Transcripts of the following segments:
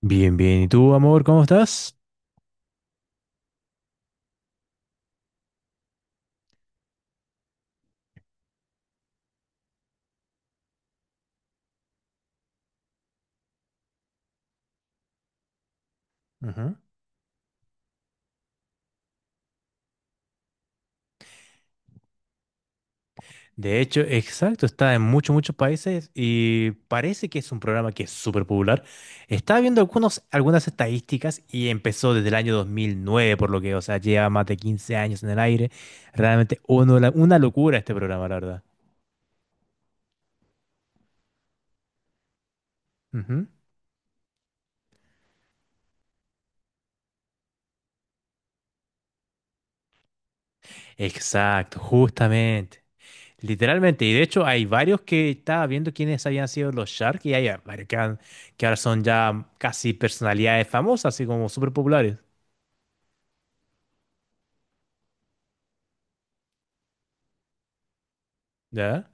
Bien, bien. ¿Y tú, amor, cómo estás? Ujú. De hecho, exacto, está en muchos, muchos países y parece que es un programa que es súper popular. Estaba viendo algunas estadísticas y empezó desde el año 2009, por lo que, o sea, lleva más de 15 años en el aire. Realmente una locura este programa, la verdad. Ujú. Exacto, justamente. Literalmente, y de hecho hay varios que estaba viendo quiénes habían sido los Shark y hay varios que ahora son ya casi personalidades famosas, así como súper populares. ¿Ya?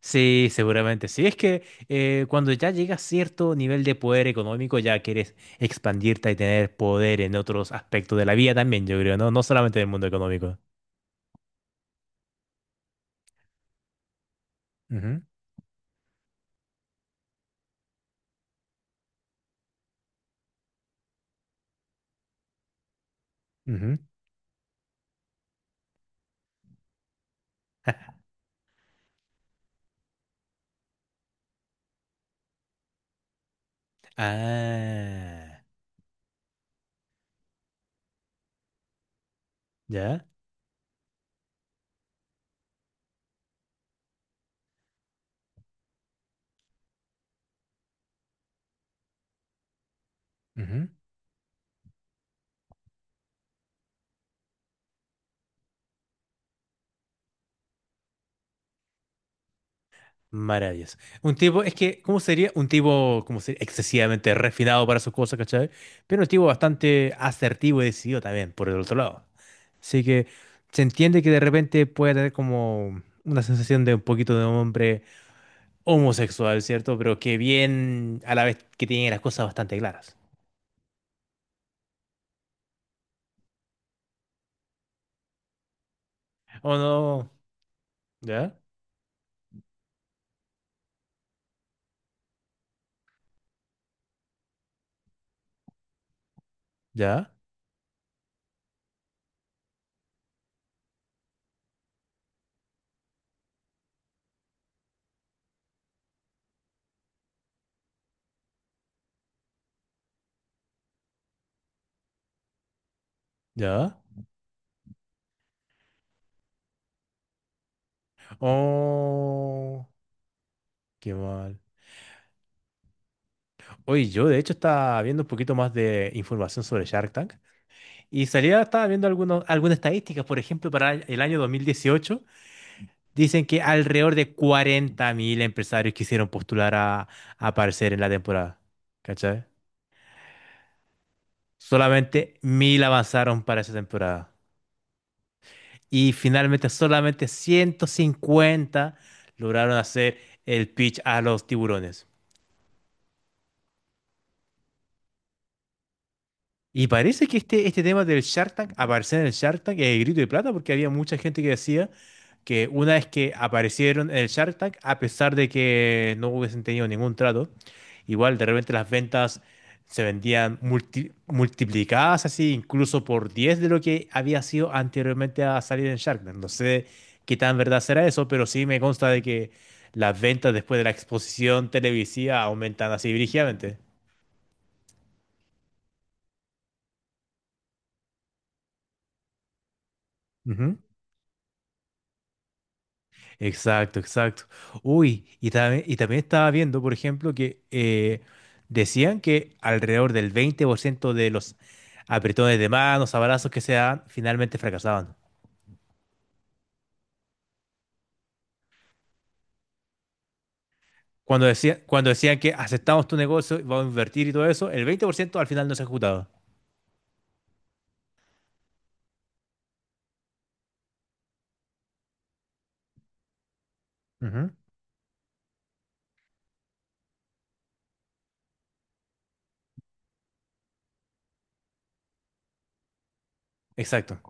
Sí, seguramente. Sí, es que cuando ya llegas a cierto nivel de poder económico, ya quieres expandirte y tener poder en otros aspectos de la vida también, yo creo, ¿no? No solamente del mundo económico. Ujú, ujú. Ah, ya. Ujú. Maravilloso. Un tipo, es que, ¿cómo sería? Un tipo, ¿como sería? Excesivamente refinado para sus cosas, ¿cachai? Pero un tipo bastante asertivo y decidido también, por el otro lado. Así que se entiende que de repente puede tener como una sensación de un poquito de hombre homosexual, ¿cierto? Pero que bien, a la vez que tiene las cosas bastante claras. Oh, no. ¿Ya? ¿Ya? ¿Ya? Oh, qué mal. Oye, yo de hecho estaba viendo un poquito más de información sobre Shark Tank y salía, estaba viendo algunas estadísticas, por ejemplo, para el año 2018, dicen que alrededor de 40.000 empresarios quisieron postular a aparecer en la temporada. ¿Cachai? Solamente mil avanzaron para esa temporada. Y finalmente solamente 150 lograron hacer el pitch a los tiburones. Y parece que este tema del Shark Tank, aparecer en el Shark Tank, es el grito de plata, porque había mucha gente que decía que una vez que aparecieron en el Shark Tank, a pesar de que no hubiesen tenido ningún trato, igual de repente las ventas se vendían multiplicadas así, incluso por 10 de lo que había sido anteriormente a salir en Shark Tank. No sé qué tan verdad será eso, pero sí me consta de que las ventas después de la exposición televisiva aumentan así brígidamente. Exacto, exacto. Uy, y también estaba viendo, por ejemplo, que decían que alrededor del 20% de los apretones de manos, abrazos que se dan, finalmente fracasaban. Cuando decían que aceptamos tu negocio, vamos a invertir y todo eso, el 20% al final no se ejecutaba. Ujú. Exacto.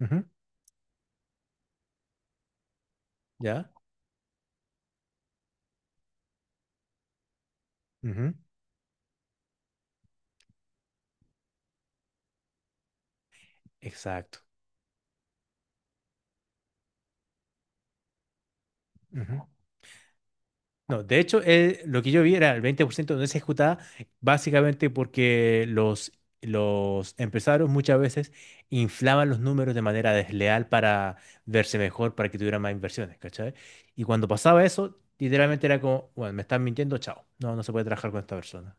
Ujú. ¿Ya? Ujú. Exacto. Ujú. No, de hecho, lo que yo vi era el 20% no se ejecutaba básicamente porque los empresarios muchas veces inflaban los números de manera desleal para verse mejor, para que tuvieran más inversiones, ¿cachai? Y cuando pasaba eso, literalmente era como, bueno, me están mintiendo, chao, no, no se puede trabajar con esta persona.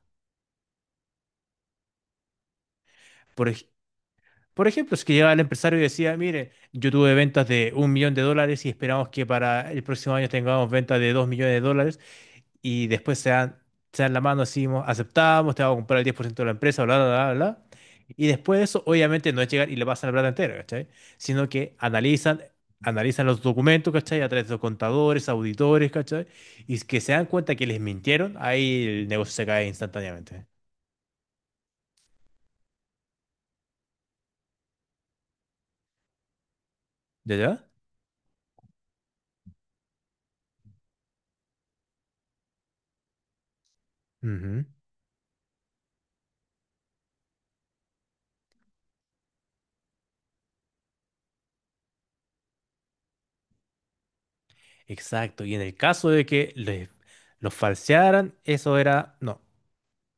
Por, ej- por ejemplo, es que llegaba el empresario y decía, mire, yo tuve ventas de 1 millón de dólares y esperamos que para el próximo año tengamos ventas de 2 millones de dólares, y después se dan la mano, así, aceptamos, te vamos a comprar el 10% de la empresa, bla, bla, bla, bla. Y después de eso, obviamente, no es llegar y le pasan la plata entera, ¿cachai? Sino que analizan, analizan los documentos, ¿cachai? A través de los contadores, auditores, ¿cachai? Y es que se dan cuenta que les mintieron, ahí el negocio se cae instantáneamente. ¿Ya, ya? Ujú. Exacto. Y en el caso de que los falsearan, eso era, no.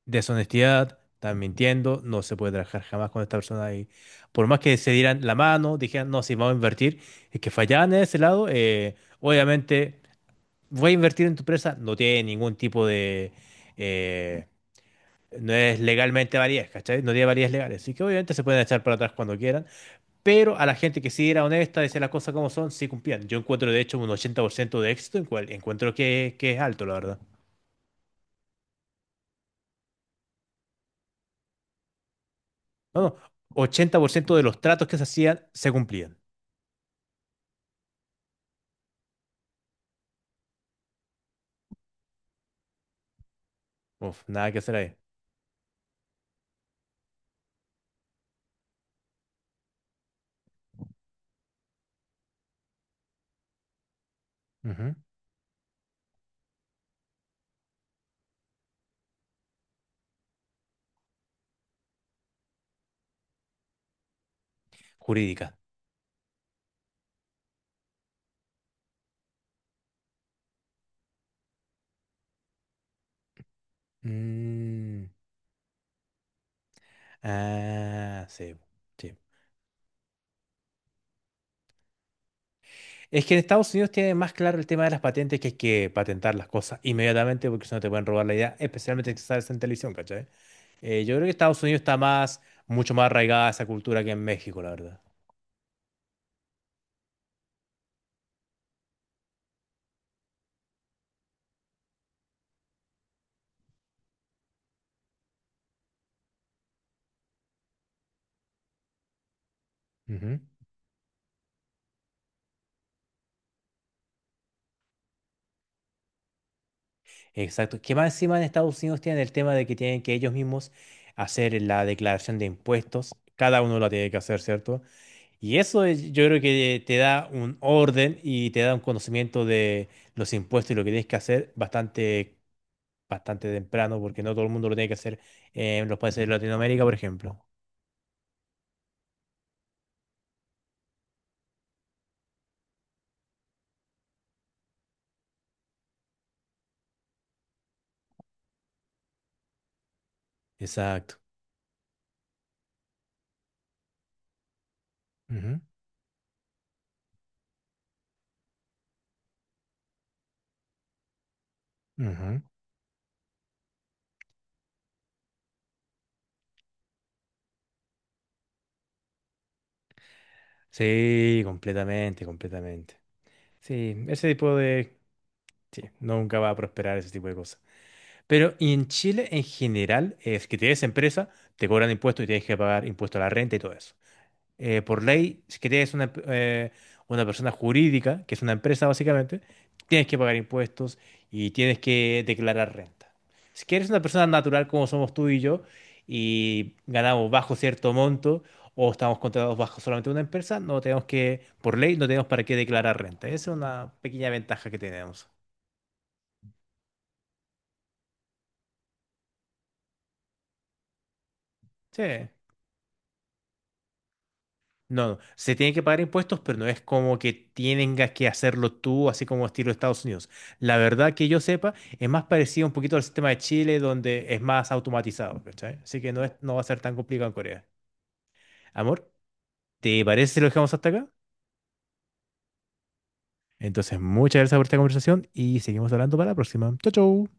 Deshonestidad, están mintiendo, no se puede trabajar jamás con esta persona ahí. Por más que se dieran la mano, dijeran, no, si vamos a invertir, es que fallaban en ese lado, obviamente, voy a invertir en tu empresa, no tiene ningún tipo de. eh, no es legalmente validez, ¿cachai? No tiene validez legales, así que obviamente se pueden echar para atrás cuando quieran, pero a la gente que sí era honesta, decía las cosas como son, sí cumplían. Yo encuentro, de hecho, un 80% de éxito, en cual encuentro que es alto, la verdad. No, no, 80% de los tratos que se hacían se cumplían. Uf, nada que hacer ahí. Ujú. Jurídica. Mm. Ah, sí. Sí. Es que en Estados Unidos tiene más claro el tema de las patentes que hay que patentar las cosas inmediatamente porque si no te pueden robar la idea, especialmente si sales en televisión, ¿cachai? Yo creo que Estados Unidos está mucho más arraigada esa cultura que en México, la verdad. Ujú. Exacto. Que más encima en Estados Unidos tienen el tema de que tienen que ellos mismos hacer la declaración de impuestos. Cada uno la tiene que hacer, ¿cierto? Y eso yo creo que te da un orden y te da un conocimiento de los impuestos y lo que tienes que hacer bastante, bastante temprano, porque no todo el mundo lo tiene que hacer en los países de Latinoamérica, por ejemplo. Exacto. Ujú, ujú. Sí, completamente, completamente. Sí, ese tipo de. Nunca va a prosperar ese tipo de cosas. Pero y en Chile en general es que tienes empresa, te cobran impuestos y tienes que pagar impuestos a la renta y todo eso. Por ley, si quieres una persona jurídica, que es una empresa básicamente, tienes que pagar impuestos y tienes que declarar renta. Si quieres una persona natural como somos tú y yo y ganamos bajo cierto monto o estamos contratados bajo solamente una empresa, no tenemos que, por ley, no tenemos para qué declarar renta. Esa es una pequeña ventaja que tenemos. Sí. No, no, se tiene que pagar impuestos, pero no es como que tengas que hacerlo tú, así como estilo Estados Unidos. La verdad que yo sepa, es más parecido un poquito al sistema de Chile, donde es más automatizado, ¿cachai? Así que no va a ser tan complicado en Corea. Amor, ¿te parece si lo dejamos hasta acá? Entonces, muchas gracias por esta conversación y seguimos hablando para la próxima. Chau, chau.